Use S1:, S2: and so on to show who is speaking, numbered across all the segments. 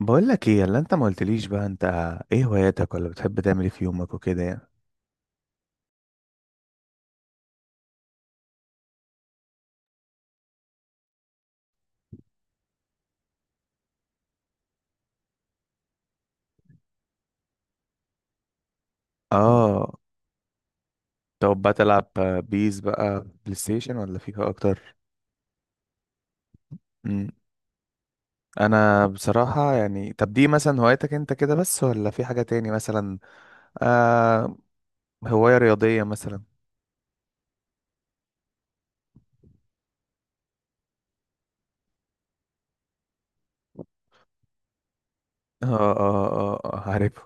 S1: بقول لك ايه اللي انت ما قلتليش بقى. انت ايه هواياتك، ولا بتحب تعمل ايه في يومك وكده يعني؟ اه. طب بقى تلعب بيس بقى بلاي ستيشن ولا فيفا اكتر؟ امم انا بصراحة يعني. طب دي مثلا هوايتك انت كده بس ولا في حاجة تاني مثلا؟ آه. هواية رياضية مثلا؟ اه اه اه، عارفه.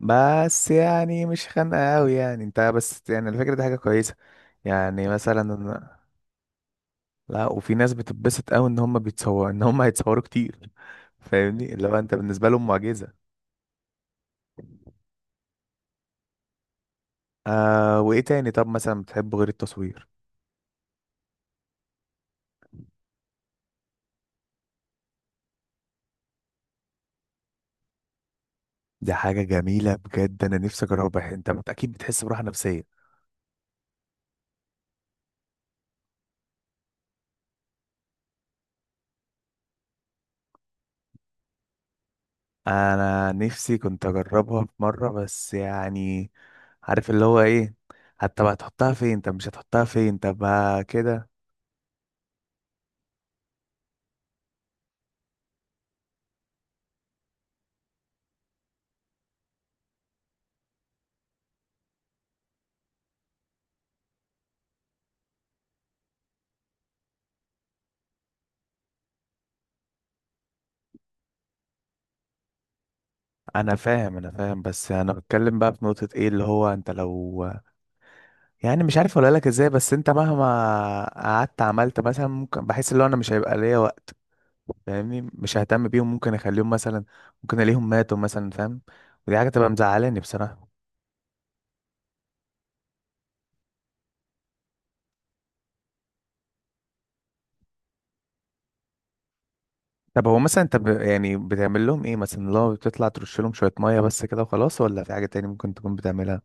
S1: بس يعني مش خانقة قوي يعني انت، بس يعني الفكرة دي حاجة كويسة، يعني مثلا. لا، وفي ناس بتتبسط قوي ان هم بيتصور ان هم هيتصوروا كتير. فاهمني اللي هو انت بالنسبه لهم معجزه. آه. وايه تاني طب مثلا بتحبه غير التصوير؟ دي حاجه جميله بجد، انا نفسي اجربها. اكيد بتحس براحه نفسيه. انا نفسي كنت اجربها في مره بس يعني، عارف اللي هو ايه، حتى بقى تحطها فين؟ طب مش هتحطها فين؟ طب ما كده. انا فاهم انا فاهم، بس انا بتكلم بقى في نقطه، ايه اللي هو انت لو، يعني مش عارف اقول لك ازاي، بس انت مهما قعدت عملت مثلا، ممكن بحس اللي هو انا مش هيبقى ليا وقت، فاهمني؟ مش ههتم بيهم، ممكن اخليهم مثلا، ممكن الاقيهم ماتوا مثلا، فاهم؟ ودي حاجه تبقى مزعلاني بصراحه. طب هو مثلا انت ب... يعني بتعمل لهم ايه مثلا؟ لو بتطلع ترش لهم شويه ميه بس كده وخلاص، ولا في حاجه تاني ممكن تكون بتعملها؟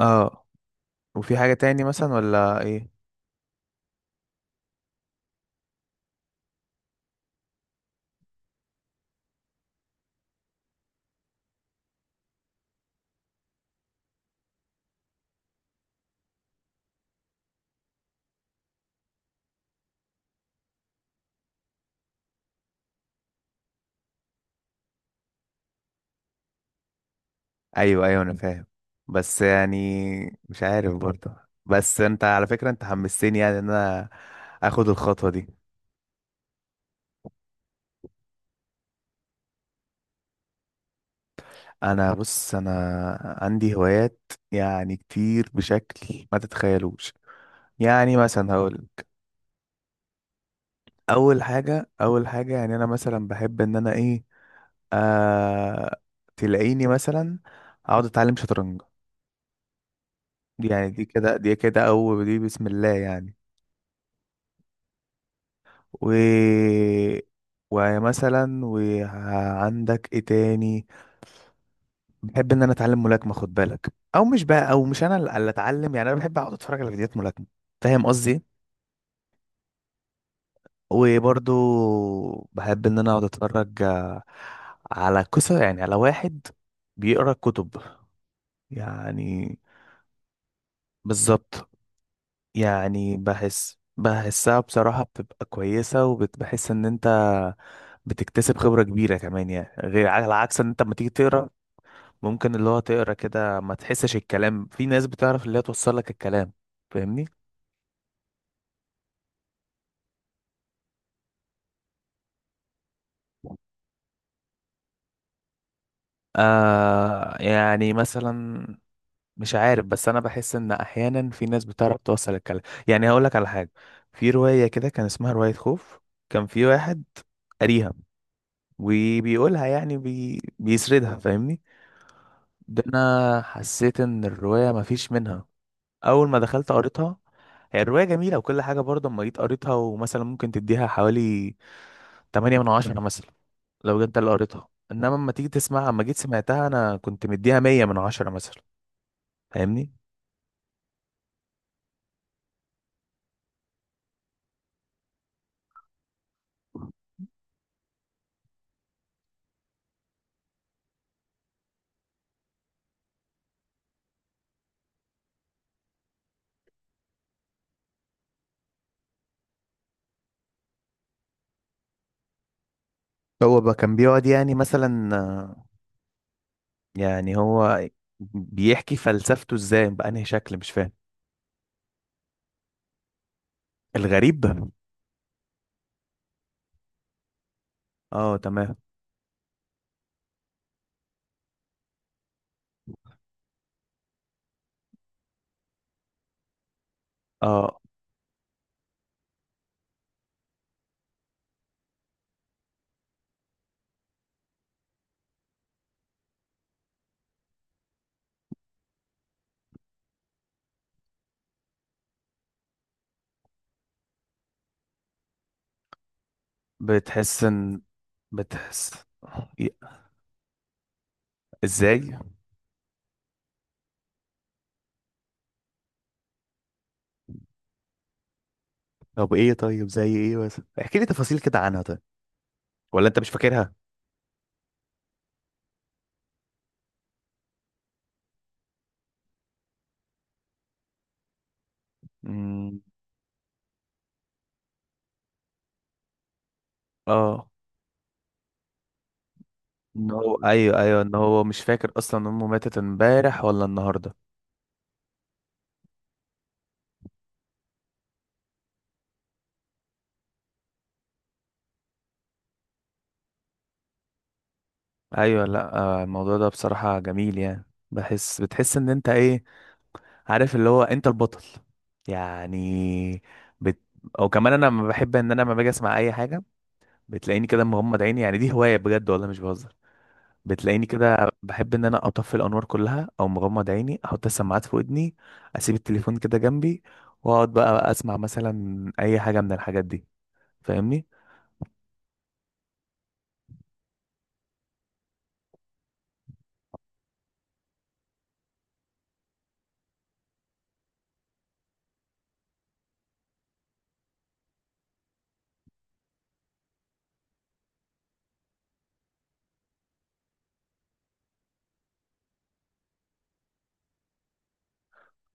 S1: اه. وفي حاجه تاني مثلا ولا ايه؟ ايوه ايوه انا فاهم. بس يعني مش عارف برضه. بس انت على فكره انت حمستني يعني ان انا اخد الخطوه دي. انا بص، انا عندي هوايات يعني كتير بشكل ما تتخيلوش. يعني مثلا هقول. اول حاجه اول حاجه يعني انا مثلا بحب ان انا ايه، آه تلاقيني مثلا اقعد اتعلم شطرنج. دي يعني دي كده، دي كده او دي بسم الله يعني. و، ومثلا وعندك ايه تاني؟ بحب ان انا اتعلم ملاكمه، خد بالك، او مش بقى، او مش انا اللي اتعلم، يعني انا بحب اقعد اتفرج على فيديوهات ملاكمه، فاهم قصدي؟ وبرضو بحب ان انا اقعد اتفرج على قصة، يعني على واحد بيقرا كتب يعني. بالظبط. يعني بحس بحسها بصراحة بتبقى كويسة، وبتحس ان انت بتكتسب خبرة كبيرة كمان، يعني غير، على عكس ان انت لما تيجي تقرا ممكن اللي هو تقرا كده ما تحسش الكلام. في ناس بتعرف اللي هي توصل لك الكلام، فاهمني؟ آه يعني مثلا. مش عارف، بس انا بحس ان احيانا في ناس بتعرف توصل الكلام. يعني هقول لك على حاجه. في روايه كده كان اسمها روايه خوف. كان في واحد قاريها وبيقولها، يعني بي... بيسردها، فاهمني؟ ده انا حسيت ان الروايه مفيش منها. اول ما دخلت قريتها، هي الروايه جميله وكل حاجه برضه. اما جيت قريتها ومثلا ممكن تديها حوالي 8 من 10 مثلا، لو جيت ده اللي قريتها. انما اما تيجي تسمعها، اما جيت سمعتها انا كنت مديها 100 من 10 مثلا، فاهمني؟ هو بقى كان بيقعد يعني مثلا يعني هو بيحكي فلسفته ازاي بأنهي شكل، مش فاهم. الغريب. اه تمام. اه. بتحس ان، بتحس ي- ازاي؟ طب ايه؟ طيب زي ايه بس؟ احكي لي تفاصيل كده عنها طيب، ولا انت مش فاكرها؟ امم. اه، ان هو ايوه ايوه ان هو مش فاكر اصلا امه ماتت امبارح ولا النهارده. ايوه، لا، الموضوع ده بصراحة جميل. يعني بحس، بتحس ان انت ايه، عارف اللي هو انت البطل، يعني بت... او كمان انا ما بحب ان انا لما باجي اسمع اي حاجه، بتلاقيني كده مغمض عيني. يعني دي هوايه بجد والله مش بهزر. بتلاقيني كده بحب ان انا اطفي الانوار كلها، او مغمض عيني احط السماعات في ودني، اسيب التليفون كده جنبي، واقعد بقى اسمع مثلا اي حاجه من الحاجات دي، فاهمني؟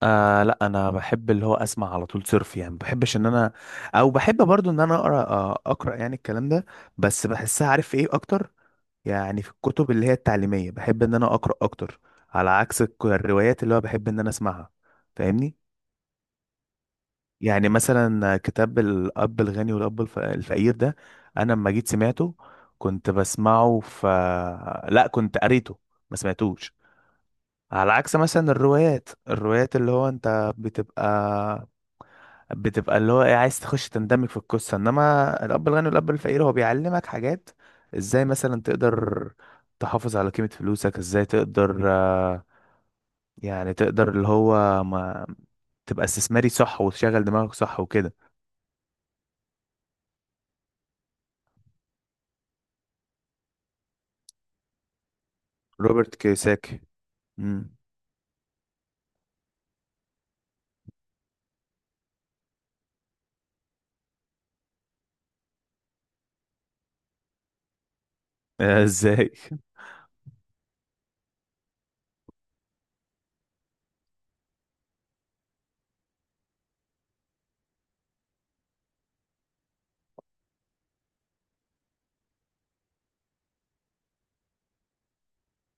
S1: آه لا انا بحب اللي هو اسمع على طول صرف، يعني ما بحبش ان انا، او بحب برضو ان انا اقرا، اقرا يعني الكلام ده. بس بحسها عارف ايه اكتر؟ يعني في الكتب اللي هي التعليميه بحب ان انا اقرا اكتر، على عكس الروايات اللي هو بحب ان انا اسمعها، فاهمني؟ يعني مثلا كتاب الاب الغني والاب الفقير ده، انا لما جيت سمعته كنت بسمعه، ف، لا كنت قريته، ما سمعتوش، على عكس مثلا الروايات. الروايات اللي هو انت بتبقى، بتبقى اللي هو ايه، عايز تخش تندمج في القصة، انما الاب الغني والاب الفقير هو بيعلمك حاجات. ازاي مثلا تقدر تحافظ على قيمة فلوسك؟ ازاي تقدر يعني تقدر اللي هو ما تبقى استثماري صح، وتشغل دماغك صح وكده. روبرت كيوساكي. امم. ازاي؟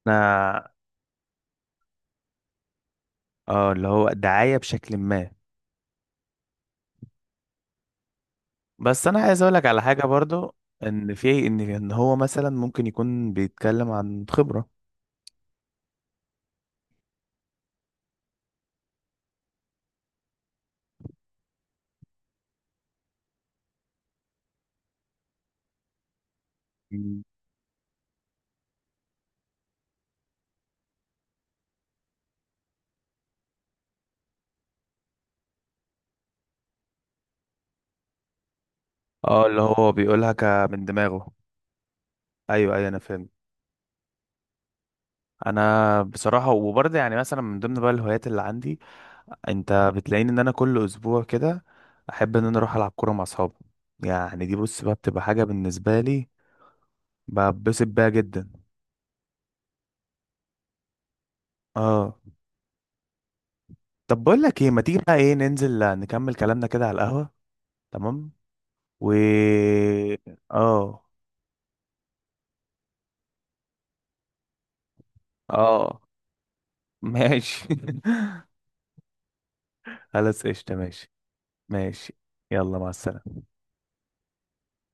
S1: انا. اه اللي هو دعاية بشكل ما. بس انا عايز اقولك على حاجة برضو، ان في، ان ان هو مثلا ممكن يكون بيتكلم عن خبرة. اه اللي هو بيقولها ك، من دماغه. ايوه ايوه انا فاهم. انا بصراحه وبرضه يعني مثلا من ضمن بقى الهوايات اللي عندي، انت بتلاقيني ان انا كل اسبوع كده احب ان انا اروح العب كوره مع اصحابي. يعني دي، بص بقى، بتبقى حاجه بالنسبه لي ببسط بيها جدا. اه. طب بقول لك ايه، ما تيجي بقى ايه ننزل نكمل كلامنا كده على القهوه؟ تمام. و، اه. اه ماشي. خلاص قشطه، ماشي. ماشي. يلا، مع السلامه.